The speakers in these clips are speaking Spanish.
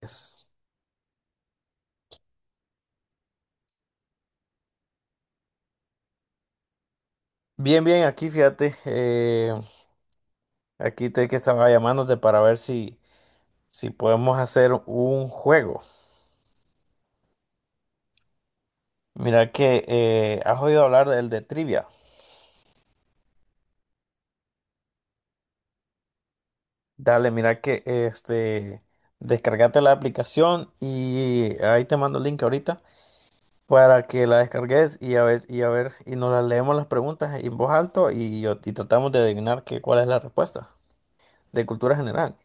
Es- Bien, bien, aquí fíjate, aquí te que estaba llamándote para ver si podemos hacer un juego. Mira que has oído hablar del de trivia. Dale, mira que descargate la aplicación y ahí te mando el link ahorita para que la descargues y a ver, y a ver, y nos las leemos las preguntas en voz alta y, y tratamos de adivinar cuál es la respuesta de cultura general.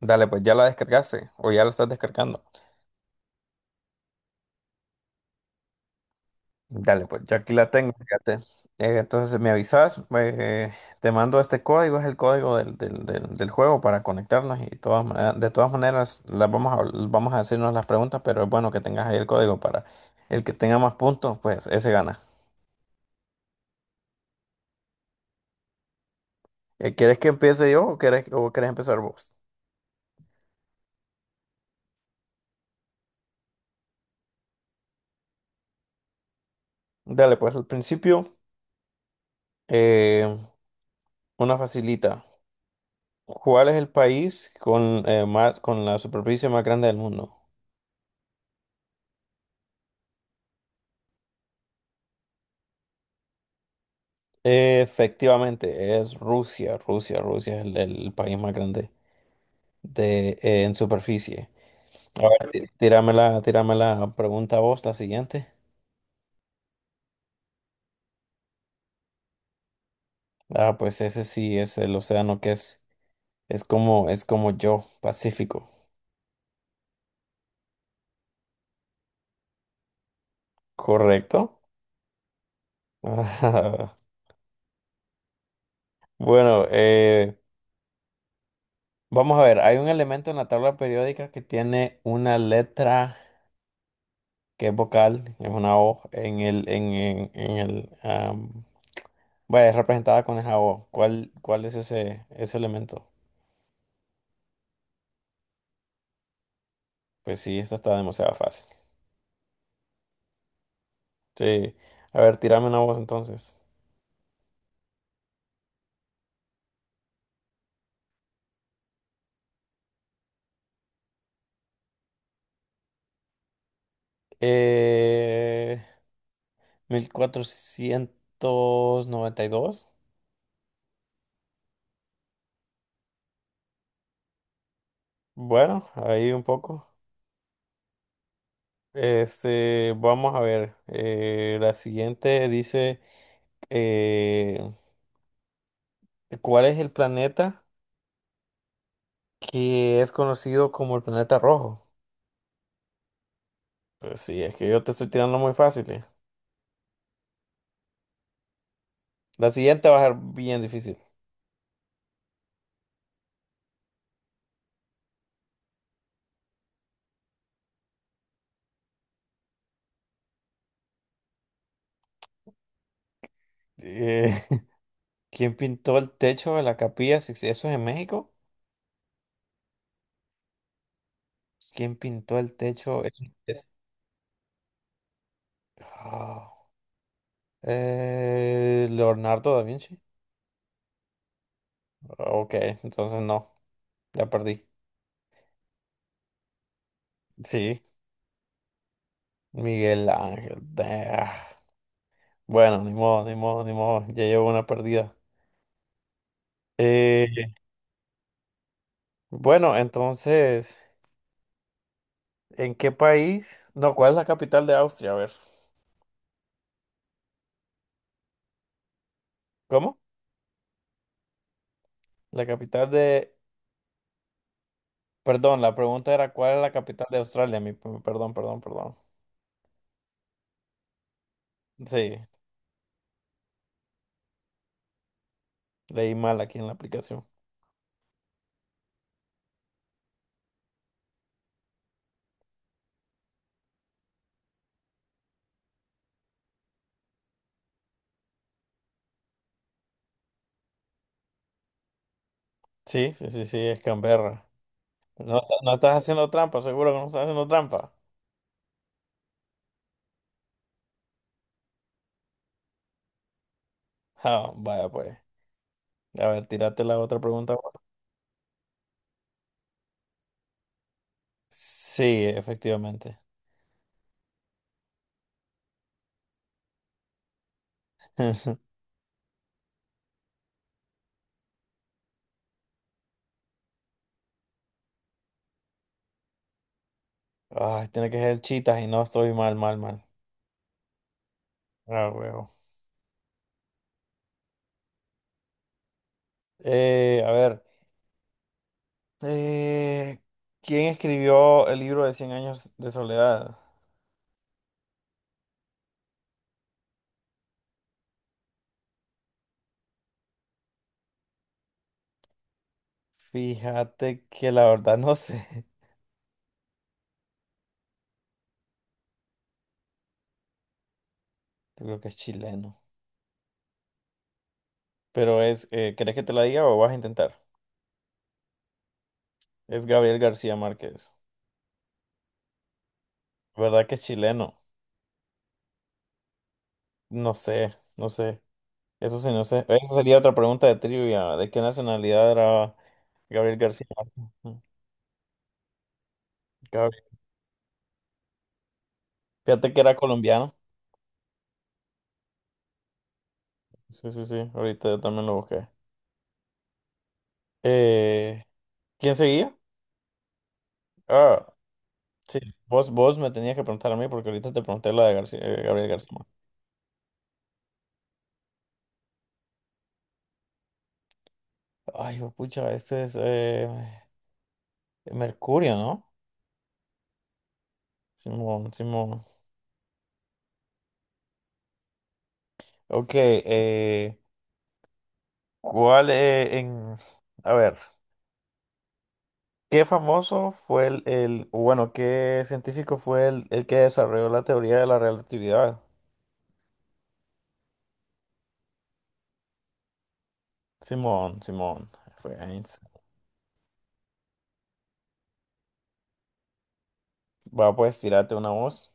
Dale, pues ya la descargaste o ya la estás descargando. Dale, pues ya aquí la tengo, fíjate. Entonces me avisas, te mando este código, es el código del juego para conectarnos y de todas maneras las vamos a hacernos las preguntas, pero es bueno que tengas ahí el código para el que tenga más puntos, pues ese gana. ¿Quieres que empiece yo o o quieres empezar vos? Dale, pues al principio, eh, una facilita. ¿Cuál es el país con la superficie más grande del mundo? Efectivamente, es Rusia. Rusia, Rusia es el país más grande de, en superficie. A ver, tírame tírame la pregunta a vos, la siguiente. Ah, pues ese sí es el es es como yo, Pacífico. Correcto. Ajá. Bueno, vamos a ver, hay un elemento en la tabla periódica que tiene una letra que es vocal, es una O en el, vaya, es representada con el jabón. ¿ cuál es ese elemento? Pues sí, esta está demasiado fácil. Sí. A ver, tírame una voz entonces. Eh, 1492. Bueno, ahí un poco. Este, vamos a ver. La siguiente dice, eh, ¿cuál es el planeta que es conocido como el planeta rojo? Pues sí, es que yo te estoy tirando muy fácil. La siguiente va a ser bien difícil. Eh, ¿Quién pintó el techo de la capilla? Six- ¿Eso es en México? ¿Quién pintó el techo? Es- Ah, Leonardo da Vinci. Ok, entonces no, ya perdí. Sí, Miguel Ángel. Ah, bueno, ni modo, ni modo, ni modo. Ya llevo una perdida. Eh, bueno, entonces, ¿en qué país? No, ¿cuál es la capital de Austria? A ver. ¿Cómo? La capital de... Perdón, la pregunta era ¿cuál es la capital de Australia? Mi... Perdón, perdón, perdón. Sí. Leí mal aquí en la aplicación. Sí, sí, sí, sí, es Canberra. No, no estás haciendo trampa, seguro que no estás haciendo trampa. Ah, vaya pues. A ver, tírate la otra pregunta. Sí, efectivamente. Ay, tiene que ser chitas y no estoy mal, mal, mal. Ah, huevo. A ver, eh, ¿quién escribió el libro de 100 años de soledad? Fíjate que la verdad no sé. Yo creo que es chileno. Pero es, ¿querés que te la diga o vas a intentar? Es Gabriel García Márquez. ¿Verdad que es chileno? No sé, no sé. Eso sí, no sé. Esa sería otra pregunta de trivia. ¿De qué nacionalidad era Gabriel García Márquez? Gabriel. Fíjate que era colombiano. Sí, sí, sí. Ahorita yo también lo busqué. Eh, ¿Quién seguía? Ah, sí. Vos, vos me tenías que preguntar a mí porque ahorita te pregunté la de Gabriel García Márquez. Ay, hijo pucha, este es Mercurio, ¿no? Simón, Simón. Ok, ¿cuál eh, en... A ver. ¿Qué famoso fue el- o bueno, qué científico fue el que desarrolló la teoría de la relatividad? Simón, Simón, fue Einstein. Va, pues, tirarte una voz.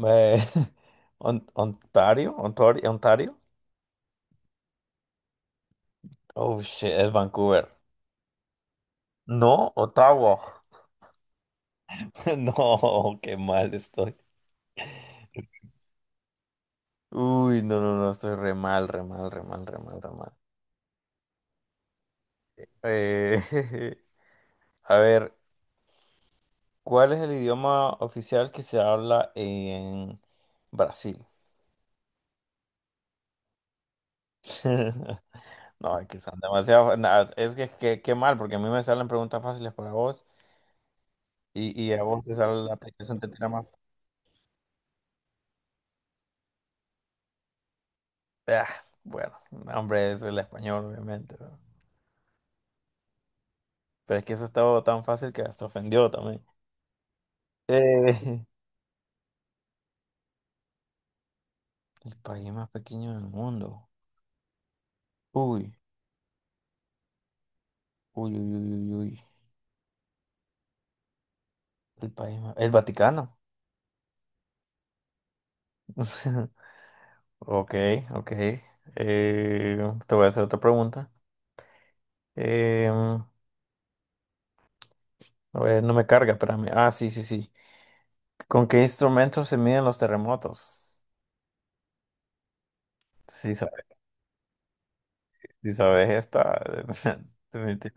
Me- Ontario, Ontario, Ontario. Oh, shit, es Vancouver. No, Ottawa. No, qué mal estoy. Uy, no, no, no, estoy re mal, re mal, re mal, re mal, re mal. Eh, a ver. ¿Cuál es el idioma oficial que se habla en Brasil? No, es que son demasiado. Es qué mal, porque a mí me salen preguntas fáciles para vos y a vos te sale la aplicación, te tira más. Ah, bueno, no, hombre, es el español, obviamente, ¿no? Pero es que eso estaba tan fácil que hasta ofendió también. Eh, el país más pequeño del mundo. Uy, uy, uy, uy, uy, uy. El país más... El Vaticano. Ok, ok. Eh, te voy a hacer otra pregunta. Em, a ver, no me carga, espérame. Ah, sí, sí, sí. ¿Con qué instrumentos se miden los terremotos? Si sabes, si sabes esta. definitiv-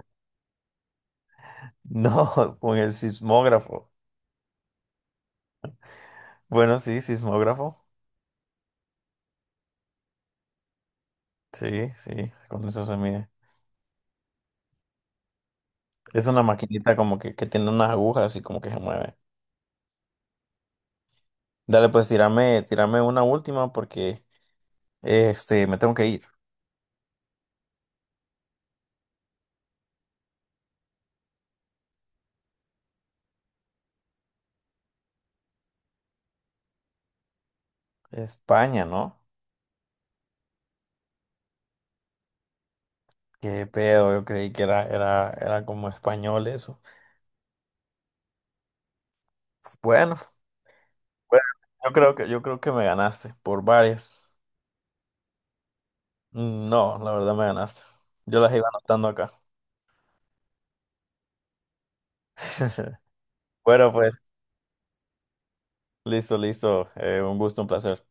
No, con el sismógrafo. Bueno, sí, sismógrafo. Sí, sí, con eso se mide. Es una maquinita como que tiene unas agujas y como que se mueve. Dale, pues tírame, tírame una última porque este, me tengo que ir. España, ¿no? Qué pedo, yo creí que era como español eso. Bueno, bueno, yo creo yo creo que me ganaste por varias. Mm, no, la verdad me ganaste. Yo las iba anotando acá. Bueno, pues, listo, listo. Un gusto, un placer.